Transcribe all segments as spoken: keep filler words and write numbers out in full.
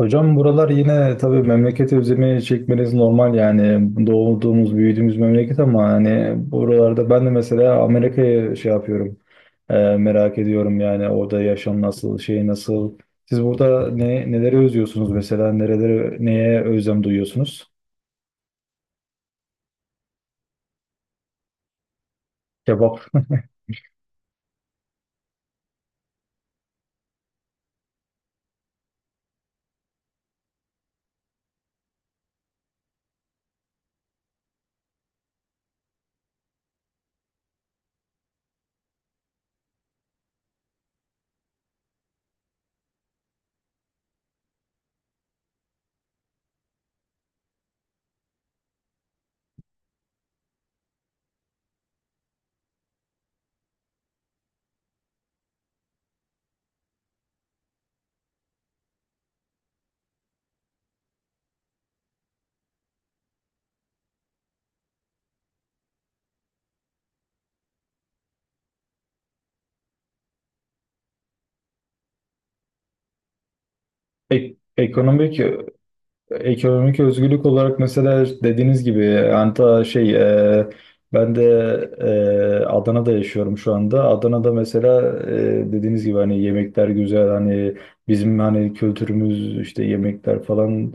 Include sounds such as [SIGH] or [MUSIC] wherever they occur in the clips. Hocam buralar yine tabii memleketi özlemi çekmeniz normal yani doğduğumuz büyüdüğümüz memleket. Ama hani buralarda ben de mesela Amerika'ya şey yapıyorum, e, merak ediyorum yani orada yaşam nasıl, şey nasıl siz burada ne neleri özlüyorsunuz mesela, nereleri, neye özlem duyuyorsunuz? Kebap. [LAUGHS] Ek- ekonomik Ekonomik özgürlük olarak mesela dediğiniz gibi anta şey e, ben de e, Adana'da yaşıyorum şu anda. Adana'da mesela e, dediğiniz gibi hani yemekler güzel, hani bizim hani kültürümüz işte, yemekler falan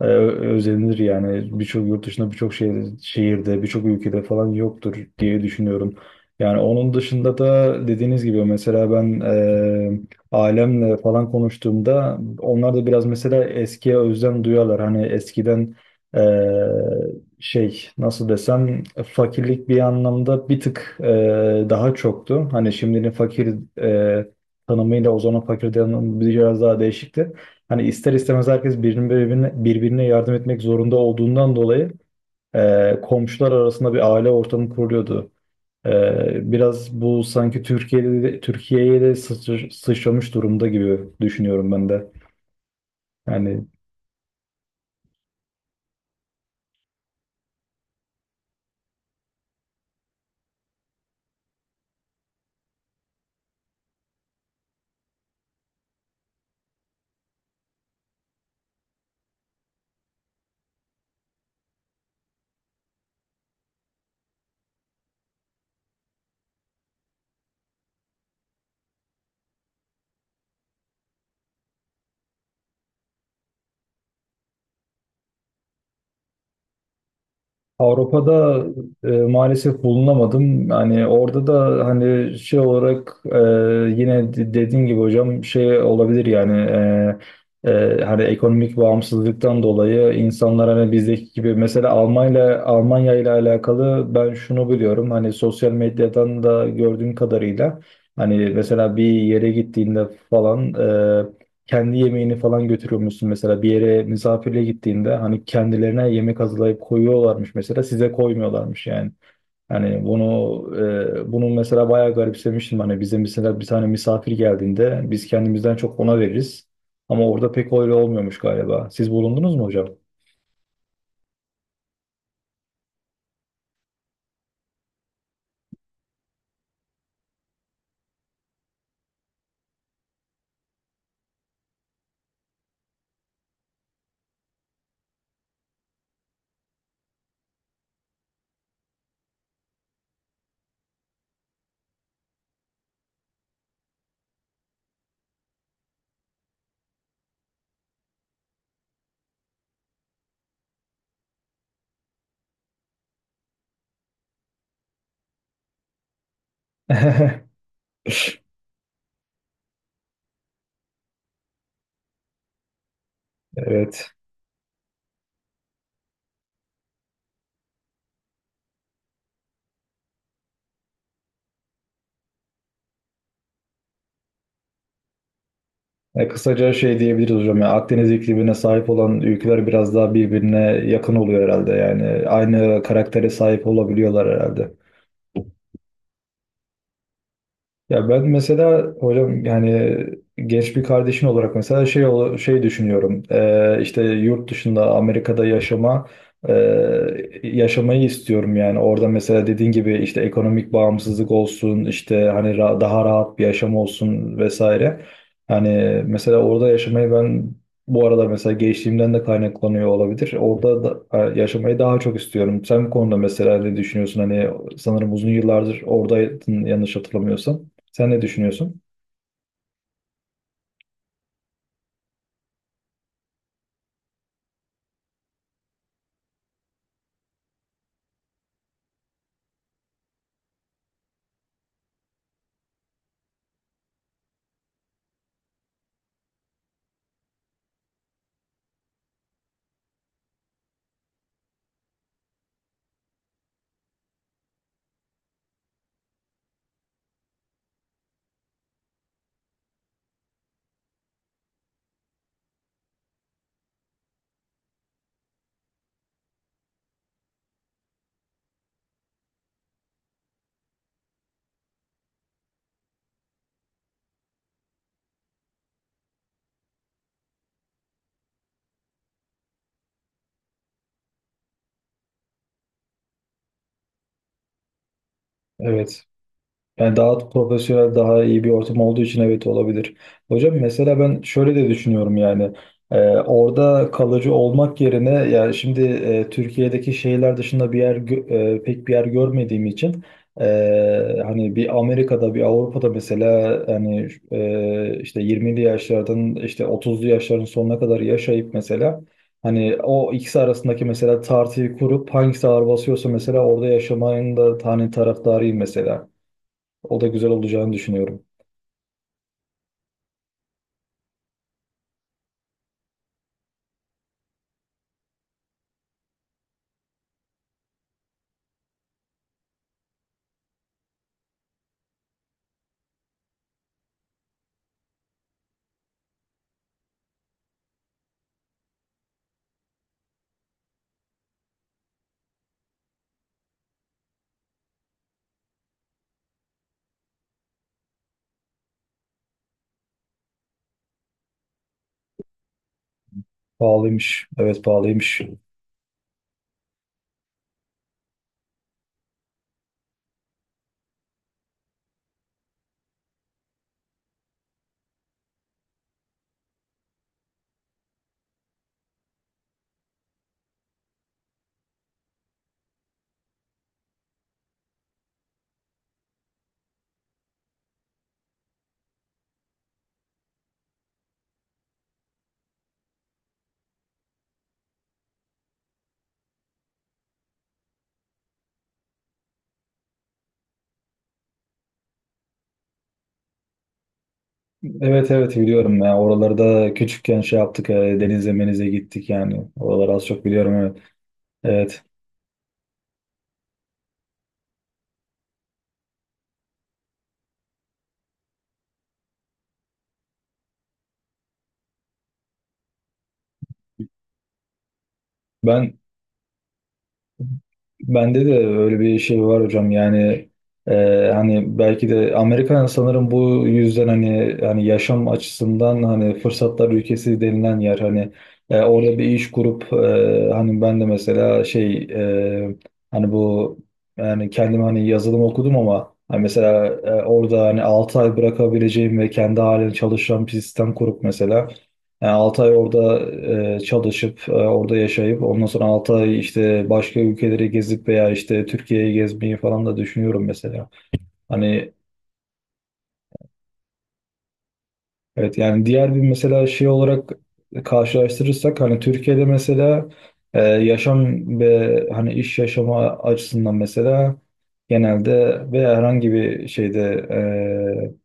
e, ö- özenilir yani, birçok yurt dışında birçok şehir, şehirde, birçok ülkede falan yoktur diye düşünüyorum. Yani onun dışında da dediğiniz gibi mesela ben e, ailemle falan konuştuğumda onlar da biraz mesela eskiye özlem duyuyorlar. Hani eskiden eee, şey, nasıl desem, fakirlik bir anlamda bir tık eee, daha çoktu. Hani şimdinin fakir eee, tanımıyla o zaman fakir tanımı biraz daha değişikti. Hani ister istemez herkes birbirine, birbirine, birbirine yardım etmek zorunda olduğundan dolayı eee, komşular arasında bir aile ortamı kuruluyordu. Ee, biraz bu sanki Türkiye'de Türkiye'ye de sıçr- sıçramış durumda gibi düşünüyorum ben de. Yani Avrupa'da e, maalesef bulunamadım. Yani orada da hani şey olarak, e, yine de- dediğin gibi hocam şey olabilir yani. E, e, hani ekonomik bağımsızlıktan dolayı insanlar hani bizdeki gibi, mesela Almanya Almanya ile alakalı ben şunu biliyorum, hani sosyal medyadan da gördüğüm kadarıyla, hani mesela bir yere gittiğinde falan e, kendi yemeğini falan götürüyor musun, mesela bir yere misafirle gittiğinde hani kendilerine yemek hazırlayıp koyuyorlarmış, mesela size koymuyorlarmış yani. Hani bunu e, bunu mesela bayağı garipsemiştim, hani bize mesela bir tane misafir geldiğinde biz kendimizden çok ona veririz ama orada pek öyle olmuyormuş galiba. Siz bulundunuz mu hocam? [LAUGHS] Evet. E, kısaca şey diyebiliriz hocam. Yani Akdeniz iklimine sahip olan ülkeler biraz daha birbirine yakın oluyor herhalde. Yani aynı karaktere sahip olabiliyorlar herhalde. Ya ben mesela hocam, yani genç bir kardeşin olarak mesela şey ola- şey düşünüyorum. Ee, işte yurt dışında Amerika'da yaşama e, yaşamayı istiyorum yani. Orada mesela dediğin gibi işte ekonomik bağımsızlık olsun, işte hani ra- daha rahat bir yaşam olsun vesaire. Hani mesela orada yaşamayı ben, bu arada mesela gençliğimden de kaynaklanıyor olabilir, orada da, e, yaşamayı daha çok istiyorum. Sen bu konuda mesela ne düşünüyorsun? Hani sanırım uzun yıllardır oradaydın, yanlış hatırlamıyorsam. Sen ne düşünüyorsun? Evet. Yani daha profesyonel, daha iyi bir ortam olduğu için, evet, olabilir. Hocam mesela ben şöyle de düşünüyorum yani, e, orada kalıcı olmak yerine yani, şimdi e, Türkiye'deki şehirler dışında bir yer gö- e, pek bir yer görmediğim için, e, hani bir Amerika'da, bir Avrupa'da mesela, hani e, işte yirmili yaşlardan işte otuzlu yaşların sonuna kadar yaşayıp mesela, hani o ikisi arasındaki mesela tartıyı kurup hangisi ağır basıyorsa, mesela orada yaşamanın da hani taraftarıyım mesela. O da güzel olacağını düşünüyorum. Pahalıymış. Evet, pahalıymış. Evet, evet, biliyorum ya. Oralarda küçükken şey yaptık, e, denize menize gittik yani. Oraları az çok biliyorum, evet. Evet. Ben Bende de öyle bir şey var hocam yani, e, hani belki de Amerika sanırım bu yüzden, hani hani yaşam açısından hani fırsatlar ülkesi denilen yer. Hani e, orada bir iş kurup, e, hani ben de mesela şey e, hani bu yani kendim hani yazılım okudum ama, hani mesela e, orada hani altı ay bırakabileceğim ve kendi halini çalışan bir sistem kurup mesela, yani altı ay orada e, çalışıp, e, orada yaşayıp, ondan sonra altı ay işte başka ülkeleri gezip veya işte Türkiye'yi gezmeyi falan da düşünüyorum mesela. Hani evet, yani diğer bir mesela şey olarak karşılaştırırsak, hani Türkiye'de mesela e, yaşam ve hani iş yaşama açısından mesela, genelde veya herhangi bir şeyde, e,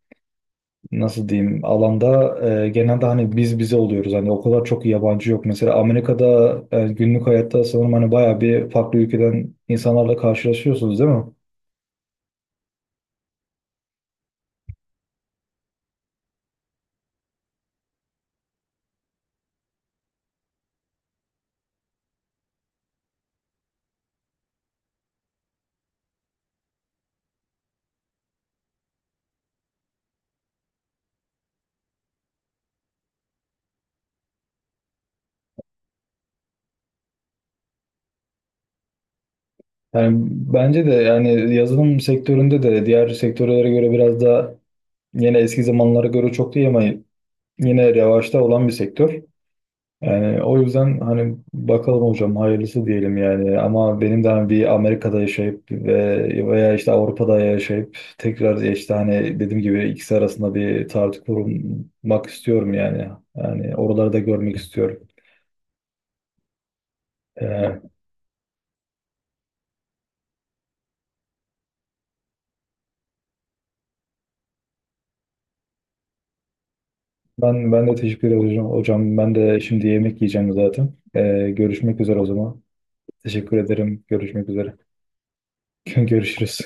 nasıl diyeyim, alanda, e, genelde hani biz bize oluyoruz, hani o kadar çok yabancı yok. Mesela Amerika'da e, günlük hayatta sanırım hani bayağı bir farklı ülkeden insanlarla karşılaşıyorsunuz, değil mi? Yani bence de yani yazılım sektöründe de diğer sektörlere göre biraz da, yine eski zamanlara göre çok değil ama, yine revaçta olan bir sektör. Yani o yüzden hani bakalım hocam, hayırlısı diyelim yani. Ama benim de hani bir Amerika'da yaşayıp ve veya işte Avrupa'da yaşayıp tekrar, işte hani dediğim gibi ikisi arasında bir tartı kurmak istiyorum yani. Yani oraları da görmek istiyorum. Ee, ben ben de teşekkür ederim hocam. Hocam ben de şimdi yemek yiyeceğim zaten. Ee, görüşmek üzere o zaman. Teşekkür ederim. Görüşmek üzere. [LAUGHS] Görüşürüz.